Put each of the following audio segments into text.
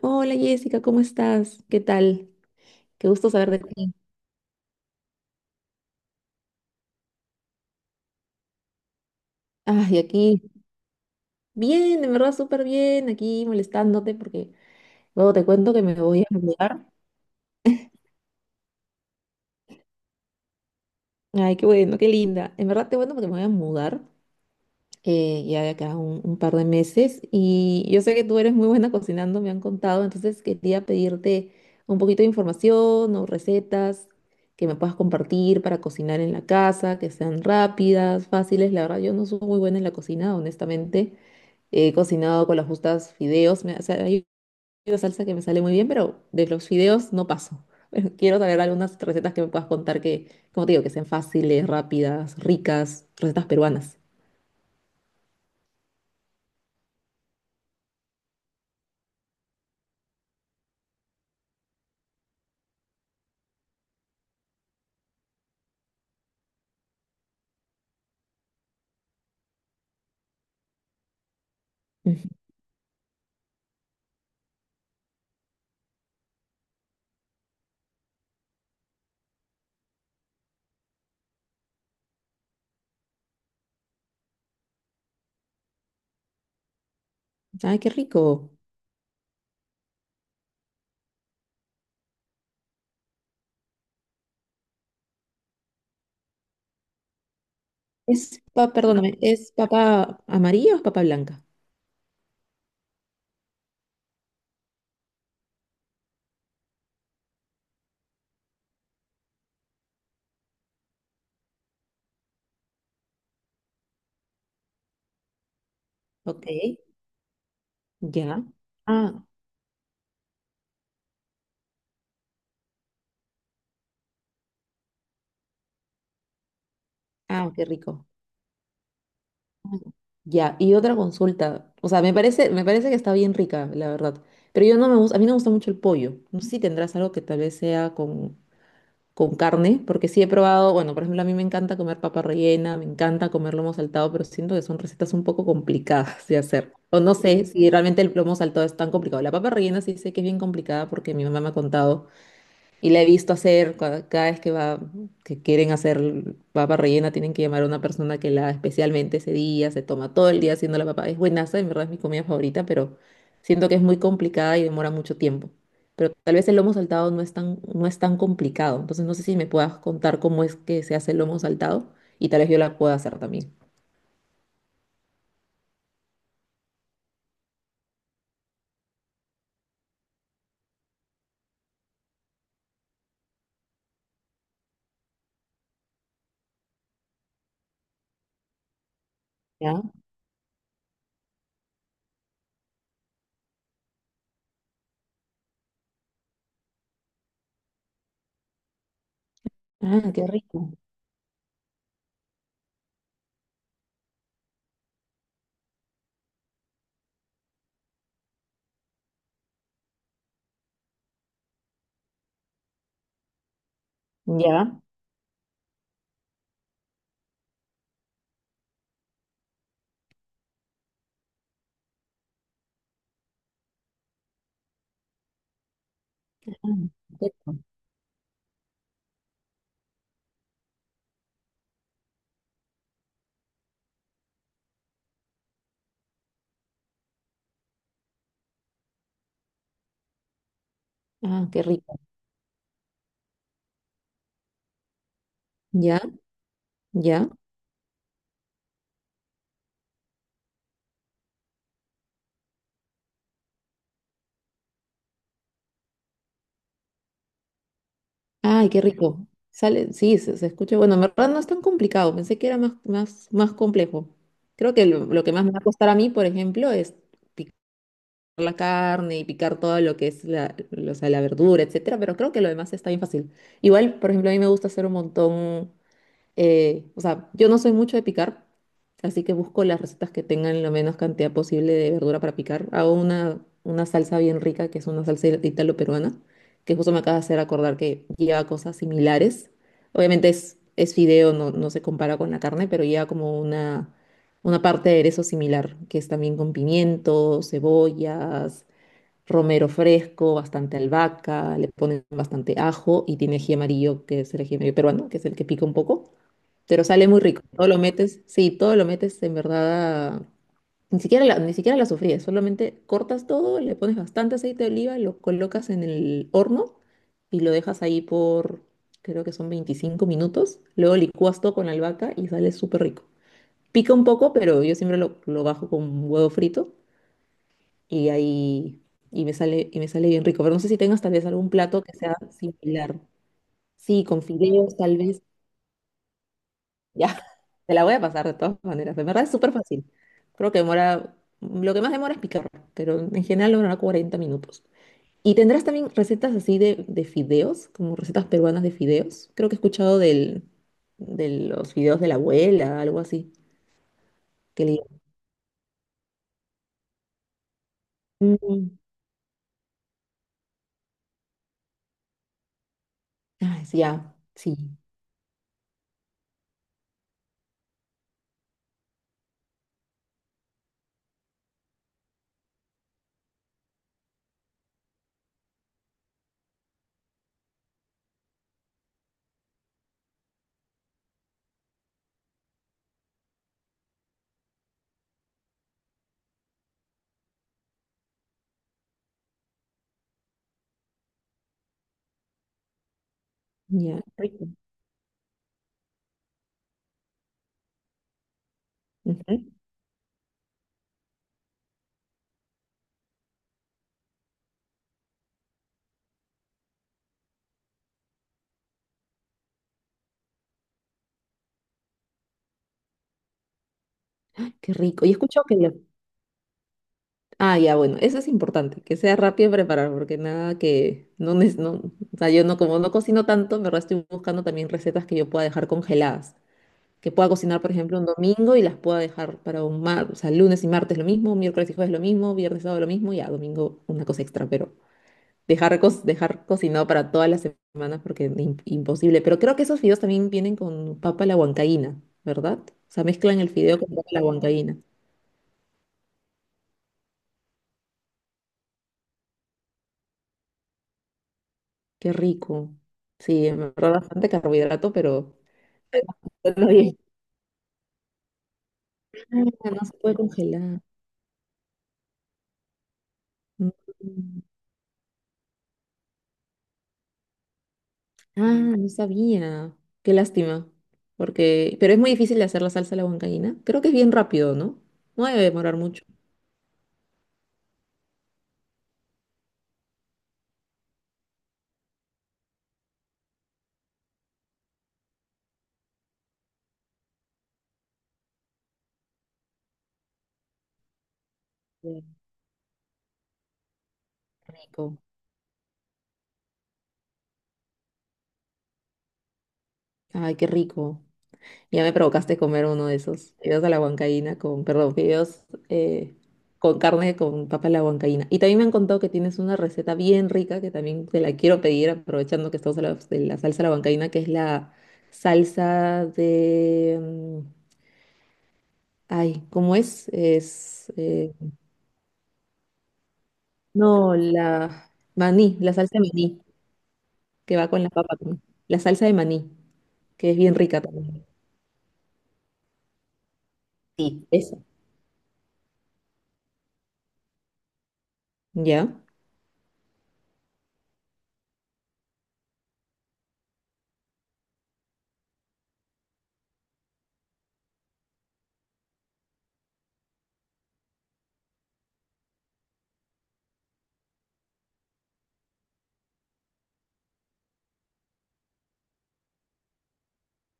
Hola Jessica, ¿cómo estás? ¿Qué tal? Qué gusto saber de ti. Ay, aquí. Bien, en verdad súper bien, aquí molestándote porque luego te cuento que me voy a mudar. Ay, qué bueno, qué linda. En verdad te cuento porque me voy a mudar ya de acá un par de meses y yo sé que tú eres muy buena cocinando, me han contado, entonces quería pedirte un poquito de información o recetas que me puedas compartir para cocinar en la casa, que sean rápidas, fáciles. La verdad, yo no soy muy buena en la cocina, honestamente. He cocinado con las justas fideos. O sea, hay una salsa que me sale muy bien, pero de los fideos no paso. Quiero saber algunas recetas que me puedas contar que, como te digo, que sean fáciles, rápidas, ricas, recetas peruanas. Ujú. Ay, qué rico. Es, perdóname, ¿es papa amarilla o es papa blanca? Ok, ya. Ah, ah, qué rico. Ah, ya, y otra consulta. O sea, me parece que está bien rica, la verdad. Pero yo no me gusta, a mí no me gusta mucho el pollo. No sé si tendrás algo que tal vez sea con carne, porque sí he probado, bueno, por ejemplo, a mí me encanta comer papa rellena, me encanta comer lomo saltado, pero siento que son recetas un poco complicadas de hacer. O no sé si realmente el lomo saltado es tan complicado. La papa rellena sí sé que es bien complicada porque mi mamá me ha contado y la he visto hacer cada vez que va, que quieren hacer papa rellena, tienen que llamar a una persona que la haga especialmente ese día, se toma todo el día haciendo la papa. Es buenaza, en verdad es mi comida favorita, pero siento que es muy complicada y demora mucho tiempo. Pero tal vez el lomo saltado no es tan complicado. Entonces no sé si me puedas contar cómo es que se hace el lomo saltado y tal vez yo la pueda hacer también. Ya. Ah, qué rico. Ya. Ah, perfecto. Ah, qué rico. Ya, ya. Ay, qué rico. Sale, sí, se escucha. Bueno, en verdad no es tan complicado. Pensé que era más complejo. Creo que lo que más me va a costar a mí, por ejemplo, es picar la carne y picar todo lo que es o sea, la verdura, etcétera. Pero creo que lo demás está bien fácil. Igual, por ejemplo, a mí me gusta hacer un montón. O sea, yo no soy mucho de picar, así que busco las recetas que tengan la menos cantidad posible de verdura para picar. Hago una salsa bien rica, que es una salsa italo-peruana, que justo me acaba de hacer acordar que lleva cosas similares. Obviamente es fideo, no se compara con la carne, pero lleva como una parte de aderezo similar, que es también con pimientos, cebollas romero fresco, bastante albahaca, le ponen bastante ajo y tiene ají amarillo, que es el ají amarillo peruano, que es el que pica un poco, pero sale muy rico. Todo lo metes, sí, todo lo metes en verdad, ni siquiera ni siquiera la sofríes, solamente cortas todo, le pones bastante aceite de oliva, lo colocas en el horno y lo dejas ahí por, creo que son 25 minutos, luego licuas todo con la albahaca y sale súper rico. Pica un poco, pero yo siempre lo bajo con huevo frito y ahí y me sale bien rico, pero no sé si tengas tal vez algún plato que sea similar. Sí, con fideos tal vez. Ya, te la voy a pasar de todas maneras. De verdad es súper fácil. Creo que demora, lo que más demora es picar, pero en general demora 40 minutos. ¿Y tendrás también recetas así de fideos, como recetas peruanas de fideos? Creo que he escuchado de los fideos de la abuela, algo así, que le Mm, ah, sí, ya, sí, ya, rico. Ujú, qué rico. Y escucho que los Ah, ya, bueno, eso es importante, que sea rápido en preparar, porque nada que no, o sea, yo no, como no cocino tanto, en verdad estoy buscando también recetas que yo pueda dejar congeladas, que pueda cocinar, por ejemplo, un domingo y las pueda dejar para un mar, o sea, lunes y martes lo mismo, miércoles y jueves lo mismo, viernes y sábado lo mismo, ya, domingo una cosa extra, pero dejar, dejar cocinado para todas las semanas porque es imposible. Pero creo que esos fideos también vienen con papa a la huancaína, ¿verdad? O sea, mezclan el fideo con papa a la huancaína. Qué rico. Sí, me ahorró bastante carbohidrato, pero todo bien. Ah, no se puede congelar. Mm. Ah, no sabía. Qué lástima. Porque, pero es muy difícil de hacer la salsa a la huancaína. Creo que es bien rápido, ¿no? No debe demorar mucho. Bien, rico. Ay, qué rico. Ya me provocaste comer uno de esos fideos a la huancaína con, perdón, fideos eh, con carne con papa a la huancaína. Y también me han contado que tienes una receta bien rica que también te la quiero pedir, aprovechando que estamos hablando de la salsa a la huancaína, que es la salsa de... mm, ay, ¿cómo es? Es... no, la maní, la salsa de maní, que va con la papa también. La salsa de maní, que es bien rica también. Sí, esa. ¿Ya?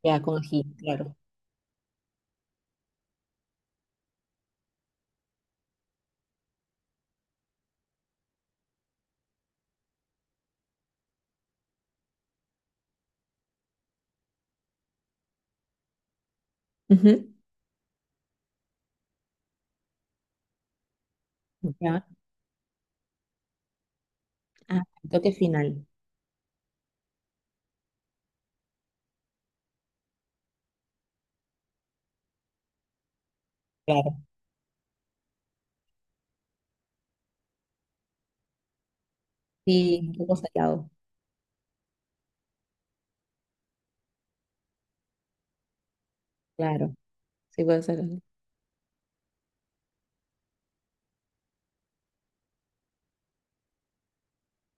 Ya, con ají, claro. Ujú. Ya. Ah, toque final. Claro. Sí, un poco salado. Claro. Sí, puede ser.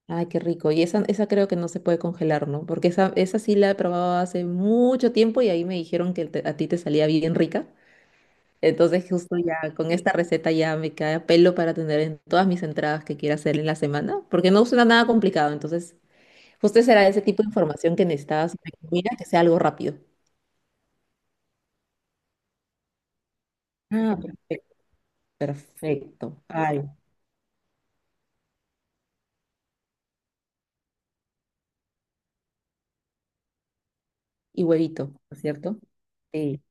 Ay, qué rico. Y esa creo que no se puede congelar, ¿no? Porque esa sí la he probado hace mucho tiempo y ahí me dijeron que a ti te salía bien rica. Entonces, justo ya con esta receta ya me cae a pelo para tener en todas mis entradas que quiera hacer en la semana, porque no suena nada complicado. Entonces, justo será ese tipo de información que necesitabas sobre comida, que sea algo rápido. Ah, perfecto. Perfecto. Ay, y huevito, ¿no es cierto? Sí.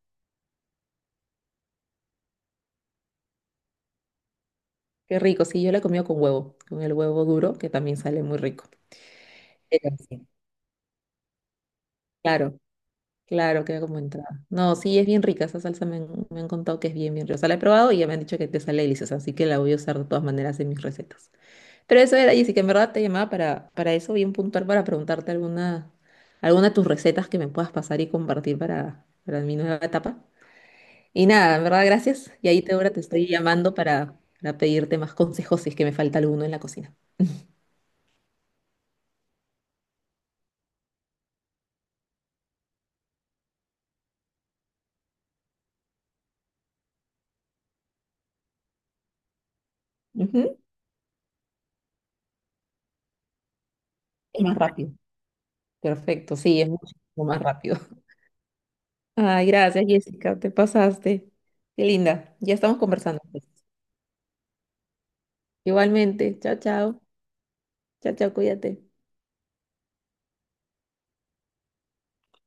Qué rico, sí, yo la he comido con huevo, con el huevo duro, que también sale muy rico. Pero sí. Claro, claro, queda como entrada. No, sí, es bien rica, esa salsa me han contado que es bien rica. O sea, la he probado y ya me han dicho que te sale deliciosa, así que la voy a usar de todas maneras en mis recetas. Pero eso era, Jessica, en verdad te llamaba para eso, bien puntual, para preguntarte alguna, alguna de tus recetas que me puedas pasar y compartir para mi nueva etapa. Y nada, en verdad, gracias. Y ahí te, ahora te estoy llamando para pedirte más consejos si es que me falta alguno en la cocina. Ujú, es más rápido. Perfecto, sí, es muchísimo más rápido. Ay, gracias, Jessica, te pasaste. Qué linda. Ya estamos conversando. Pues. Igualmente, chao, chao. Chao, chao, cuídate.